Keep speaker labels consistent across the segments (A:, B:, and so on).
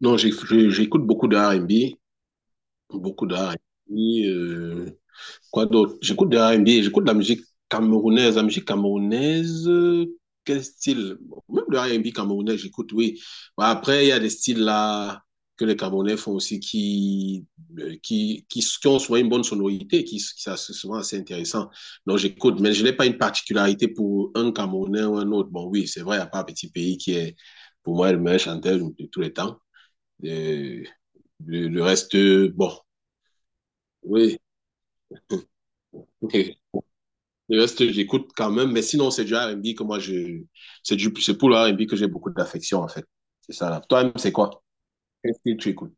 A: Non, j'écoute beaucoup de R and B, beaucoup de R R&B. Quoi d'autre? J'écoute de R and B, j'écoute de la musique camerounaise. La musique camerounaise, quel style? Même de R and B camerounais, j'écoute, oui. Bah, après, il y a des styles là que les Camerounais font aussi qui ont souvent une bonne sonorité, qui ça, c'est souvent assez intéressant. Donc, j'écoute, mais je n'ai pas une particularité pour un Camerounais ou un autre. Bon, oui, c'est vrai, il n'y a pas un petit pays qui est, pour moi, le meilleur chanteur de tous les temps. Euh, le reste, bon, oui. Le reste, j'écoute quand même. Mais sinon, c'est du R&B que moi, je... C'est pour le R&B que j'ai beaucoup d'affection, en fait. C'est ça, là. Toi-même, c'est quoi? Qu'est-ce que tu écoutes?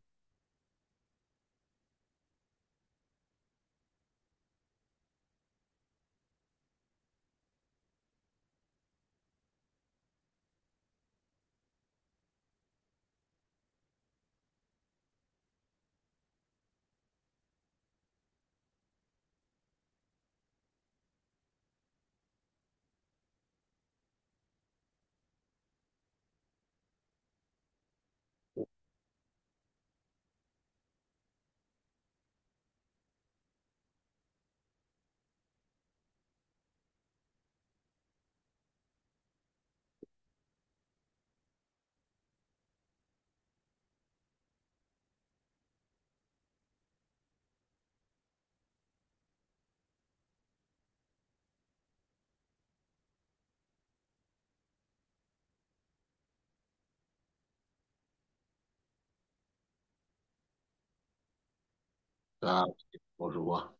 A: Ah, ok, bon, je vois.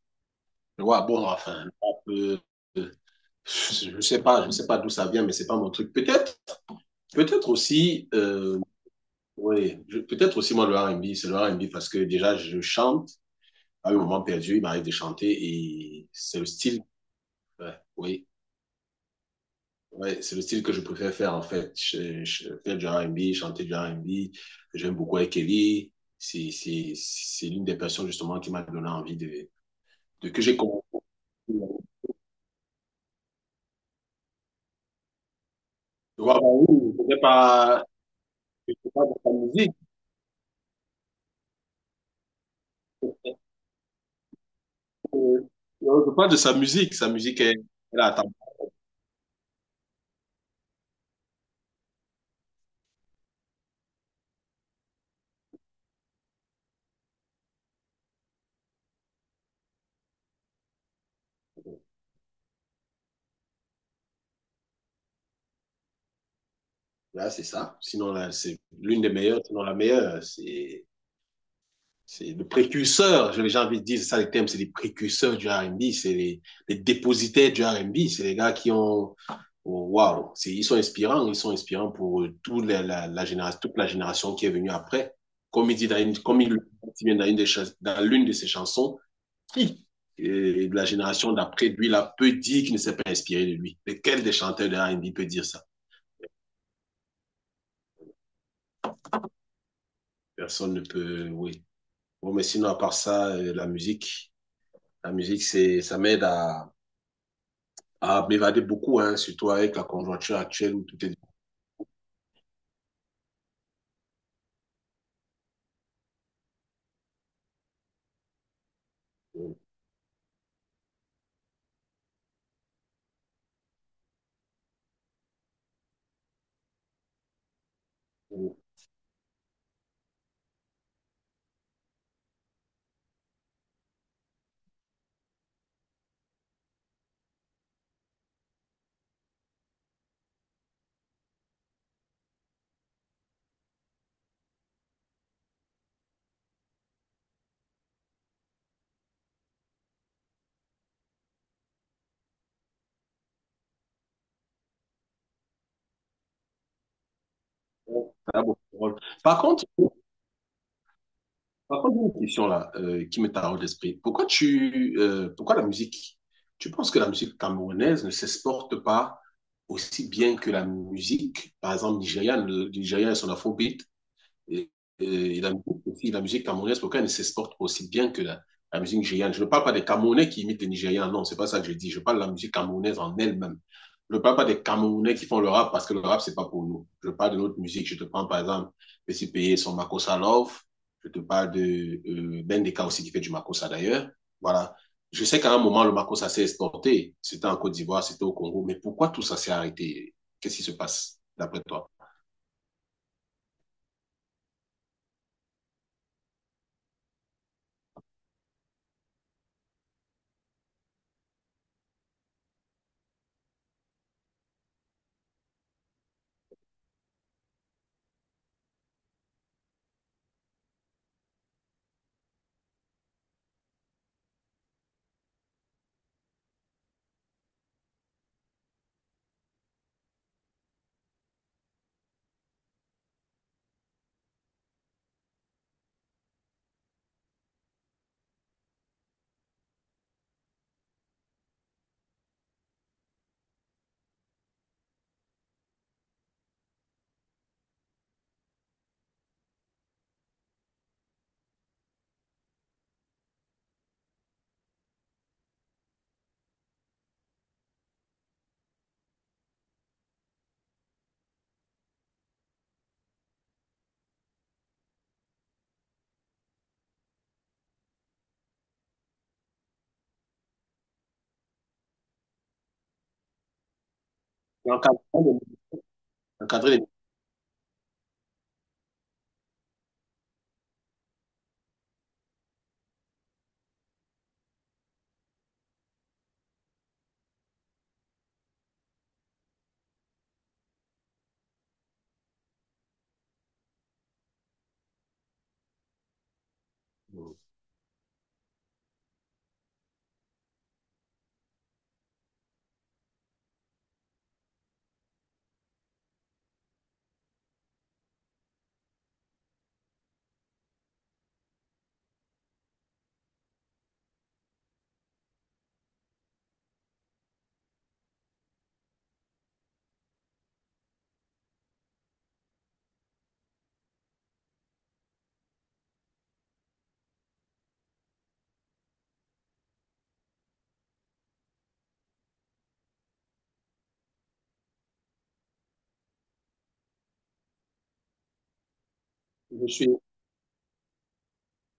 A: Je vois, bon, enfin, le rap, euh, je sais pas d'où ça vient, mais c'est pas mon truc. Peut-être aussi, oui, peut-être aussi, moi, le R&B, c'est le R&B parce que déjà, je chante. À un moment perdu, il m'arrive de chanter et c'est le style. Ouais, Oui. Ouais, c'est le style que je préfère faire en fait. Faire du R&B, chanter du R&B. J'aime beaucoup Kelly. C'est l'une des personnes justement qui m'a donné envie de, que j'ai commencé. Tu vois, bah oui, je sais pas de sa musique. euh, Je parle de sa musique. Sa musique est, elle a attendu. Là, c'est ça. Sinon, là, c'est l'une des meilleures, sinon la meilleure. C'est le précurseur, j'ai envie de dire, c'est ça les termes, c'est les précurseurs du R&B, c'est les dépositaires du R&B, c'est les gars qui ont, oh, waouh, wow, ils sont inspirants pour toute la génération, toute la génération qui est venue après. Comme il dit dans une, comme il vient dans une des Dans l'une de ses chansons, qui de la génération d'après lui là peut dire qu'il ne s'est pas inspiré de lui. Mais quel des chanteurs de R&B peut dire ça? Personne ne peut, oui. Bon, mais sinon à part ça, la musique c'est, ça m'aide à m'évader beaucoup, hein, surtout avec la conjoncture actuelle où tout est ça a beaucoup de rôle. Par contre, par contre, j'ai une question là qui me taraude l'esprit. Pourquoi la musique? Tu penses que la musique camerounaise ne s'exporte pas aussi bien que la musique, par exemple, nigériane, le Nigeria et son afrobeat? Et, et musique aussi, la musique camerounaise, pourquoi elle ne s'exporte aussi bien que la musique nigériane? Je ne parle pas des Camerounais qui imitent les Nigérians, non, c'est pas ça que je dis. Je parle de la musique camerounaise en elle-même. Je ne parle pas des Camerounais qui font le rap parce que le rap, c'est pas pour nous. Je parle de notre musique. Je te prends par exemple Petit Payé, son Makossa Love. Je te parle de Ben Deka aussi qui fait du Makossa d'ailleurs. Voilà. Je sais qu'à un moment, le Makossa s'est exporté. C'était en Côte d'Ivoire, c'était au Congo. Mais pourquoi tout ça s'est arrêté? Qu'est-ce qui se passe d'après toi? Encadrer les- Encadrer les- Je suis,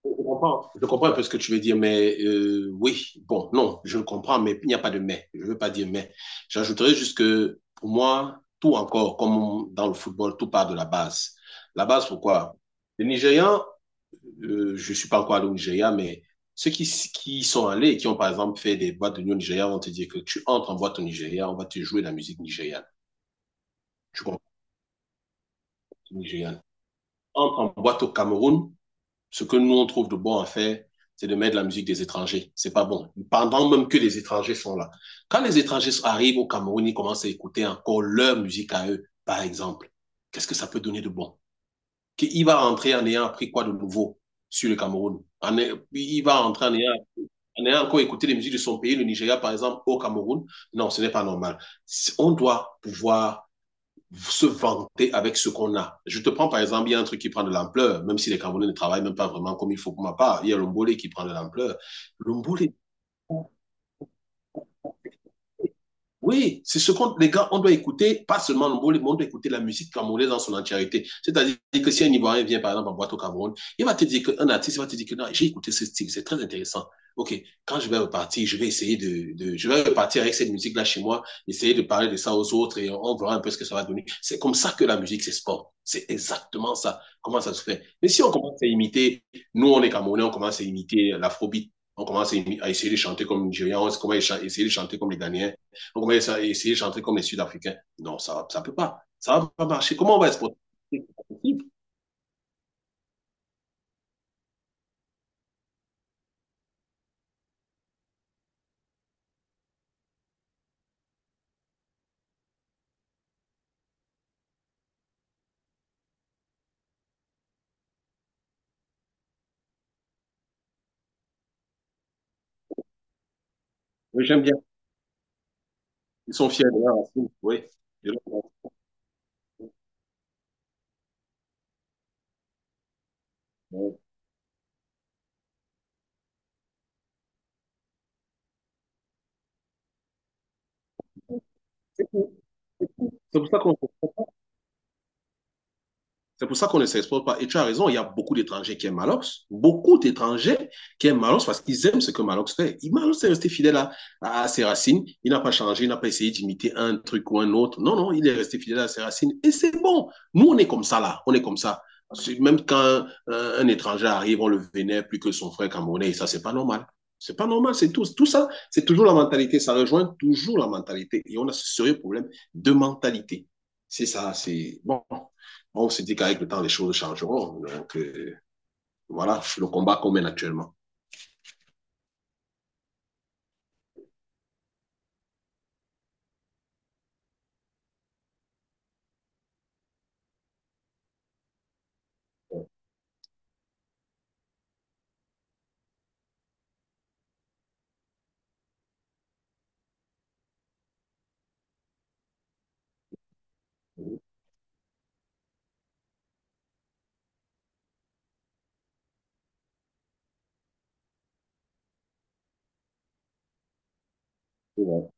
A: je comprends un peu ce que tu veux dire, mais oui, bon, non, je le comprends, mais il n'y a pas de mais. Je ne veux pas dire mais. J'ajouterais juste que pour moi, tout encore, comme dans le football, tout part de la base. La base, pourquoi? Les Nigérians, je ne suis pas encore allé au Nigeria, mais ceux qui sont allés et qui ont par exemple fait des boîtes de nuit au Nigeria vont te dire que tu entres en boîte au Nigeria, on va te jouer de la musique nigériane. Tu comprends? Nigériane. Entre en boîte au Cameroun, ce que nous on trouve de bon à faire, c'est de mettre de la musique des étrangers. C'est pas bon. Pendant même que les étrangers sont là. Quand les étrangers arrivent au Cameroun, ils commencent à écouter encore leur musique à eux, par exemple. Qu'est-ce que ça peut donner de bon? Qu'il va rentrer en ayant appris quoi de nouveau sur le Cameroun? Il va rentrer en ayant encore écouté les musiques de son pays, le Nigeria par exemple, au Cameroun, non, ce n'est pas normal. Si on doit pouvoir se vanter avec ce qu'on a. Je te prends par exemple, il y a un truc qui prend de l'ampleur, même si les Camerounais ne travaillent même pas vraiment comme il faut pour ma part. Il y a l'ombolé qui prend de l'ampleur. L'ombolé, oui, c'est ce qu'on, les gars, on doit écouter, pas seulement le mot, on doit écouter la musique camerounaise dans son entièreté. C'est-à-dire que si un Ivoirien vient, par exemple, en boîte au Cameroun, il va te dire qu'un artiste va te dire que non, j'ai écouté ce style, c'est très intéressant. OK, quand je vais repartir, je vais essayer de je vais repartir avec cette musique-là chez moi, essayer de parler de ça aux autres et on verra un peu ce que ça va donner. C'est comme ça que la musique, c'est sport. C'est exactement ça. Comment ça se fait? Mais si on commence à imiter, nous, on est Camerounais, on commence à imiter l'afrobeat, on commence à essayer de chanter comme les Nigérians, on commence à essayer de chanter comme les Ghanéens, on va essayer de chanter comme les Sud-Africains. Non, ça ne peut pas. Ça ne va pas marcher. Comment on va exporter? C'est pas possible. Oui, j'aime bien. Ils sont fiers de leur racine. Oui. C'est pour ça qu'on ne se comprend pas. C'est pour ça qu'on ne s'exporte pas. Et tu as raison, il y a beaucoup d'étrangers qui aiment Malox, beaucoup d'étrangers qui aiment Malox parce qu'ils aiment ce que Malox fait. Malox est resté fidèle à ses racines, il n'a pas changé, il n'a pas essayé d'imiter un truc ou un autre. Non, non, il est resté fidèle à ses racines et c'est bon. Nous, on est comme ça là, on est comme ça. Même quand un étranger arrive, on le vénère plus que son frère camerounais, et ça, c'est pas normal. C'est pas normal, c'est tout. Tout ça, c'est toujours la mentalité, ça rejoint toujours la mentalité. Et on a ce sérieux problème de mentalité. C'est ça, c'est bon, on se dit qu'avec le temps, les choses changeront. Donc, voilà, le combat qu'on mène actuellement. Ouais,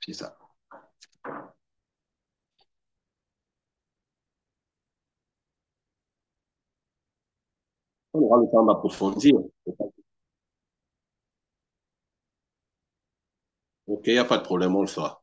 A: c'est ça. On aura le temps d'approfondir. OK, il n'y a pas de problème, on le fera.